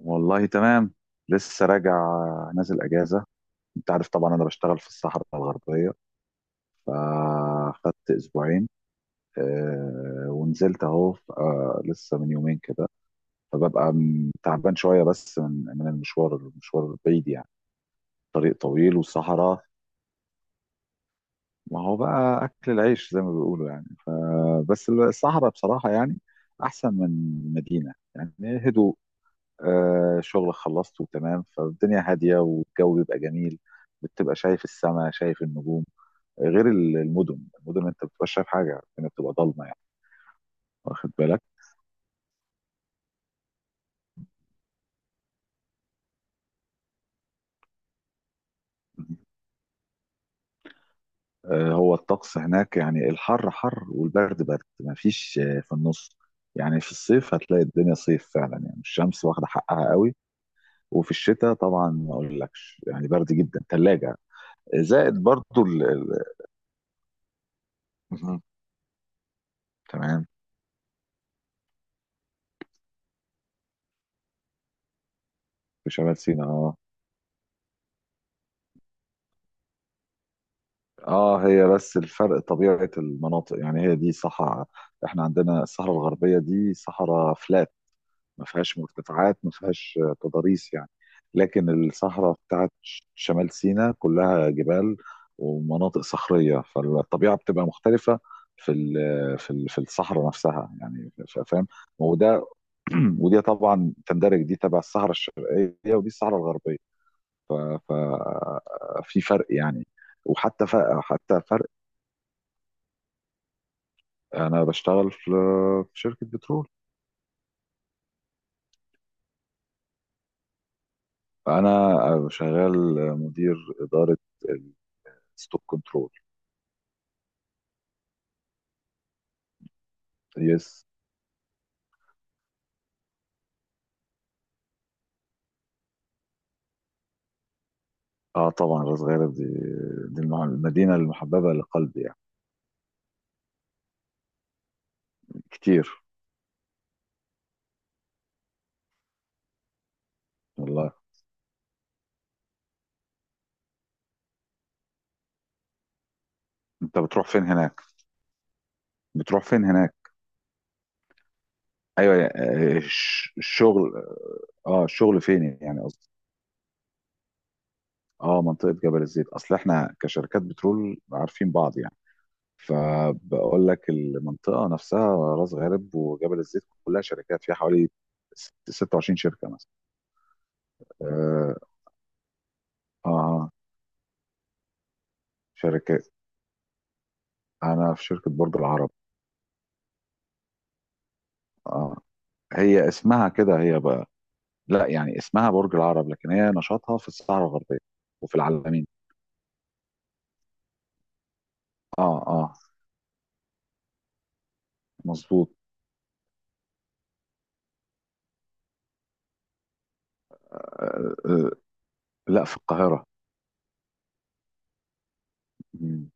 والله تمام. لسه راجع، نازل اجازه. انت عارف طبعا انا بشتغل في الصحراء الغربيه، فاخدت اسبوعين. ونزلت اهو، لسه من يومين كده. فببقى تعبان شويه بس من المشوار، المشوار بعيد يعني. طريق طويل وصحراء. ما هو بقى اكل العيش زي ما بيقولوا يعني، فبس الصحراء بصراحه يعني احسن من المدينه، يعني هدوء. شغل خلصته تمام، فالدنيا هادية والجو بيبقى جميل. بتبقى شايف السماء، شايف النجوم. غير المدن، انت بتبقى شايف حاجة، الدنيا بتبقى ضلمة يعني. واخد بالك؟ هو الطقس هناك، يعني الحر حر والبرد برد، ما فيش في النص. يعني في الصيف هتلاقي الدنيا صيف فعلا، يعني الشمس واخدة حقها قوي. وفي الشتاء طبعا ما اقولكش، يعني برد جدا، ثلاجة. زائد برضو مهم. تمام. في شمال سيناء، اه. اه، هي بس الفرق طبيعة المناطق. يعني هي دي صحراء، احنا عندنا الصحراء الغربية دي صحراء فلات، ما فيهاش مرتفعات، ما فيهاش تضاريس يعني. لكن الصحراء بتاعت شمال سيناء كلها جبال ومناطق صخرية، فالطبيعة بتبقى مختلفة في الصحراء نفسها يعني، فاهم؟ وده ودي طبعا تندرج، دي تبع الصحراء الشرقية ودي الصحراء الغربية، ففي فرق يعني. حتى فرق. انا بشتغل في شركة بترول. انا شغال مدير إدارة الستوك كنترول. يس. اه طبعا، راس غارب دي، المدينة المحببة لقلبي يعني. كتير. والله. انت بتروح فين هناك؟ بتروح فين هناك؟ ايوه يعني، الشغل. اه، الشغل فين يعني قصدي. اه، منطقة جبل الزيت. اصل احنا كشركات بترول عارفين بعض يعني، فبقول لك المنطقة نفسها، راس غارب وجبل الزيت، كلها شركات، فيها حوالي 26 شركة مثلا. اه. آه شركات. انا في شركة برج العرب. اه، هي اسمها كده هي بقى. لا، يعني اسمها برج العرب لكن هي نشاطها في الصحراء الغربية وفي العلمين. اه اه، مظبوط. آه لا، في القاهرة. مم.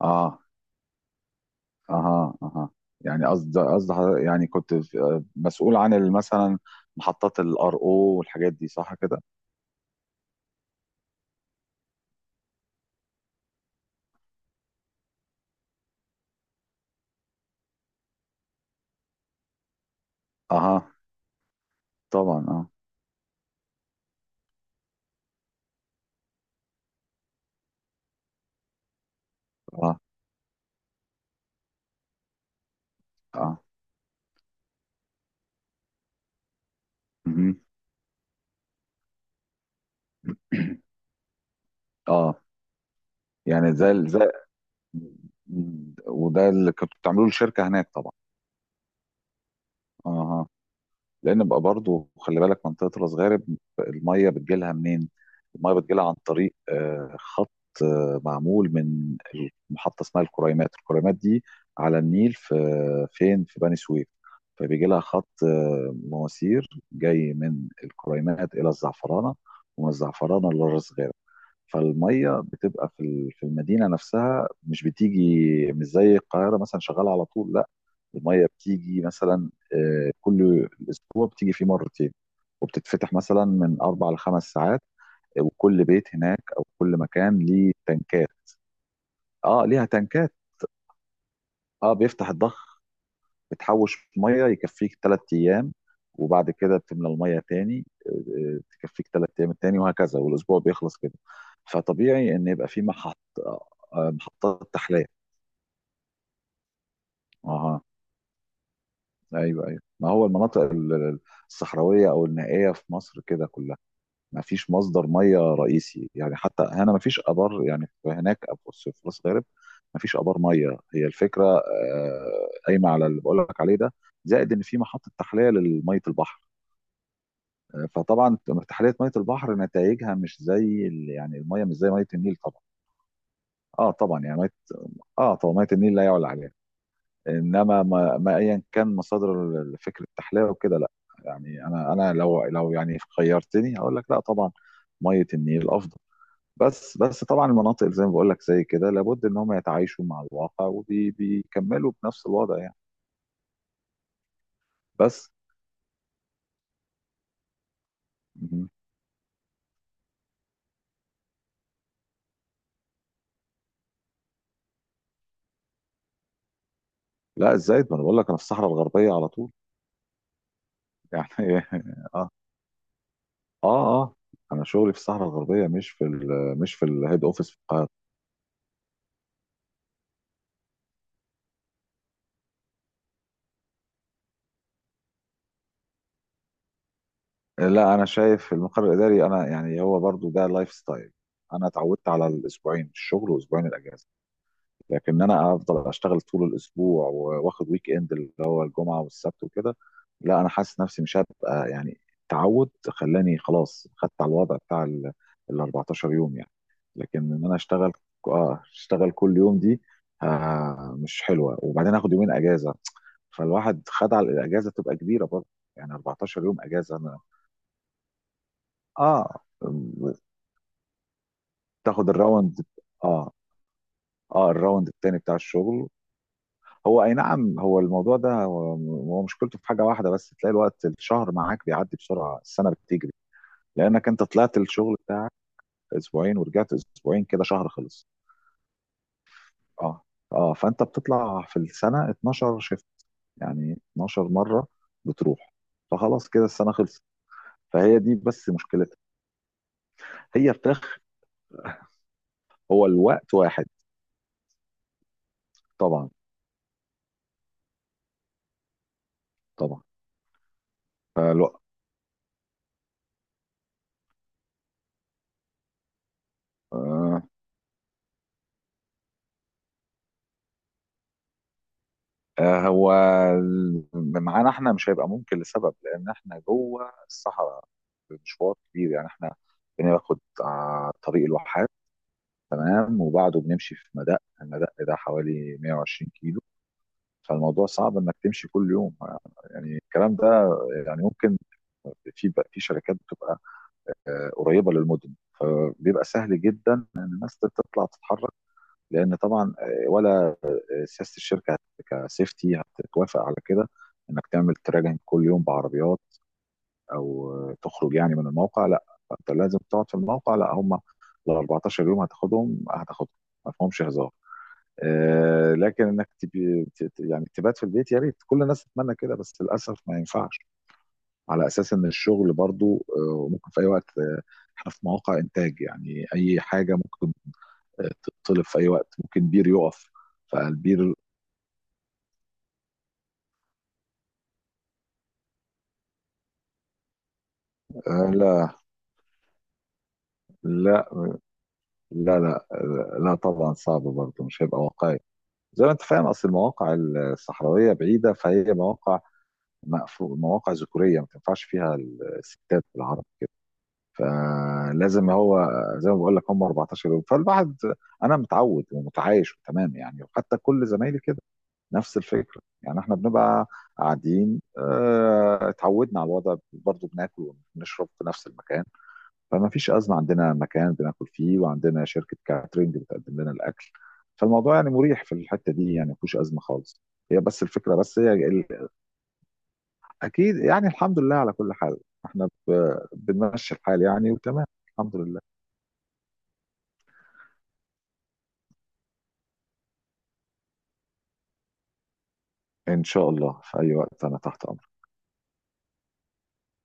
اه. اها اها. يعني يعني كنت مسؤول عن مثلا محطات الار او والحاجات دي، صح كده؟ اها. طبعا اه. اه اه. مهم. اه. يعني زي، وده اللي كنتوا بتعملوه للشركه هناك طبعا. اها. لان بقى برضو خلي بالك، منطقه راس غارب الميه بتجيلها منين؟ الميه بتجيلها عن طريق خط، معمول من محطه اسمها الكريمات. الكريمات دي على النيل في فين؟ في بني سويف. فبيجي لها خط مواسير جاي من الكريمات الى الزعفرانه، ومن الزعفرانه لراس غارب. فالميه بتبقى في المدينه نفسها، مش بتيجي مش زي القاهره مثلا شغاله على طول، لا. الميه بتيجي مثلا كل اسبوع بتيجي فيه مرتين، وبتتفتح مثلا من اربع لخمس ساعات. وكل بيت هناك او كل مكان ليه تنكات. اه، ليها تنكات. اه، بيفتح الضخ، بتحوش ميه يكفيك 3 ايام. وبعد كده بتملى الميه تاني، تكفيك 3 ايام التاني، وهكذا والاسبوع بيخلص كده. فطبيعي ان يبقى في محطات تحليه. اها. ايوه ايوه، ما هو المناطق الصحراويه او النائيه في مصر كده كلها ما فيش مصدر ميه رئيسي يعني. حتى هنا ما فيش ابار يعني، في هناك في راس غارب ما فيش ابار ميه. هي الفكره قايمه على اللي بقول لك عليه ده، زائد ان في محطه تحليه لميه البحر. فطبعا ارتحاليه ميه البحر نتائجها مش زي يعني الميه مش زي ميه النيل طبعا. اه طبعا، يعني ميه، اه طبعا ميه النيل لا يعلى عليها. انما ما ايا كان مصادر، فكره التحليه وكده، لا. يعني انا لو لو يعني خيرتني هقول لك لا طبعا، ميه النيل افضل. بس بس طبعا المناطق زي ما بقول لك زي كده، لابد ان هم يتعايشوا مع الواقع وبيكملوا بنفس الوضع يعني. بس. مهم. لا، الزايد، ما انا بقول لك انا في الصحراء الغربيه على طول. يعني اه. اه اه. انا شغلي في الصحراء الغربيه مش في ال مش في الهيد اوفيس في القاهره. لا، انا شايف المقر الاداري، انا يعني هو برضو ده لايف ستايل. انا اتعودت على الاسبوعين الشغل واسبوعين الاجازه، لكن انا افضل اشتغل طول الاسبوع واخد ويك اند اللي هو الجمعه والسبت وكده. لا، انا حاسس نفسي مش هبقى يعني، التعود خلاني خلاص خدت على الوضع بتاع ال 14 يوم يعني. لكن ان انا اشتغل، اه اشتغل كل يوم، دي مش حلوه. وبعدين اخد يومين اجازه، فالواحد خد على الاجازه تبقى كبيره برضه، يعني 14 يوم اجازه انا. اه. تاخد الراوند، اه. اه، الراوند التاني بتاع الشغل. هو اي نعم، هو الموضوع ده هو، هو مشكلته في حاجه واحده بس، تلاقي الوقت الشهر معاك بيعدي بسرعه، السنه بتجري، لانك انت طلعت الشغل بتاعك اسبوعين ورجعت اسبوعين، كده شهر خلص. اه. اه، فانت بتطلع في السنه 12 شيفت، يعني 12 مره بتروح، فخلاص كده السنه خلصت. فهي دي بس مشكلتها، هي فراخ. هو الوقت واحد. طبعا. طبعا. فالوقت، آه آه، هو معانا احنا مش هيبقى ممكن لسبب، لان احنا جوه الصحراء، مشوار كبير يعني. احنا بناخد طريق الواحات، تمام، وبعده بنمشي في مدق، المدق ده حوالي 120 كيلو. فالموضوع صعب انك تمشي كل يوم، يعني الكلام ده. يعني ممكن، في شركات بتبقى قريبه للمدن، فبيبقى سهل جدا ان الناس تطلع تتحرك، لان طبعا سياسه الشركه كسيفتي هتتوافق على كده انك تعمل تراجعين كل يوم بعربيات، او تخرج يعني من الموقع. لا، فانت لازم تقعد في الموقع. لا هم، ال 14 يوم هتاخدهم هتاخدهم، ما فيهمش هزار. لكن انك يعني تبات في البيت، يا ريت كل الناس تتمنى كده، بس للاسف ما ينفعش، على اساس ان الشغل برضو ممكن في اي وقت. احنا في مواقع انتاج، يعني اي حاجه ممكن تتطلب في اي وقت، ممكن بير يقف. فالبير. آه لا لا لا، لا طبعا صعب برضه، مش هيبقى واقعي. زي ما انت فاهم، اصل المواقع الصحراويه بعيده، فهي مواقع مقفول، مواقع ذكوريه ما تنفعش فيها الستات العرب كده. فلازم هو، زي ما بقول لك، هم 14 يوم. فالواحد انا متعود ومتعايش تمام يعني. وحتى كل زمايلي كده نفس الفكره، يعني احنا بنبقى قاعدين، اه، اتعودنا على الوضع برضه، بناكل ونشرب في نفس المكان، فما فيش أزمة. عندنا مكان بناكل فيه، وعندنا شركة كاترينج بتقدم لنا الأكل، فالموضوع يعني مريح في الحتة دي يعني، ما فيهوش أزمة خالص. هي بس الفكرة، بس هي أكيد يعني، الحمد لله على كل حال، احنا بنمشي الحال يعني، وتمام الحمد لله. إن شاء الله في أي وقت، أنا تحت أمرك.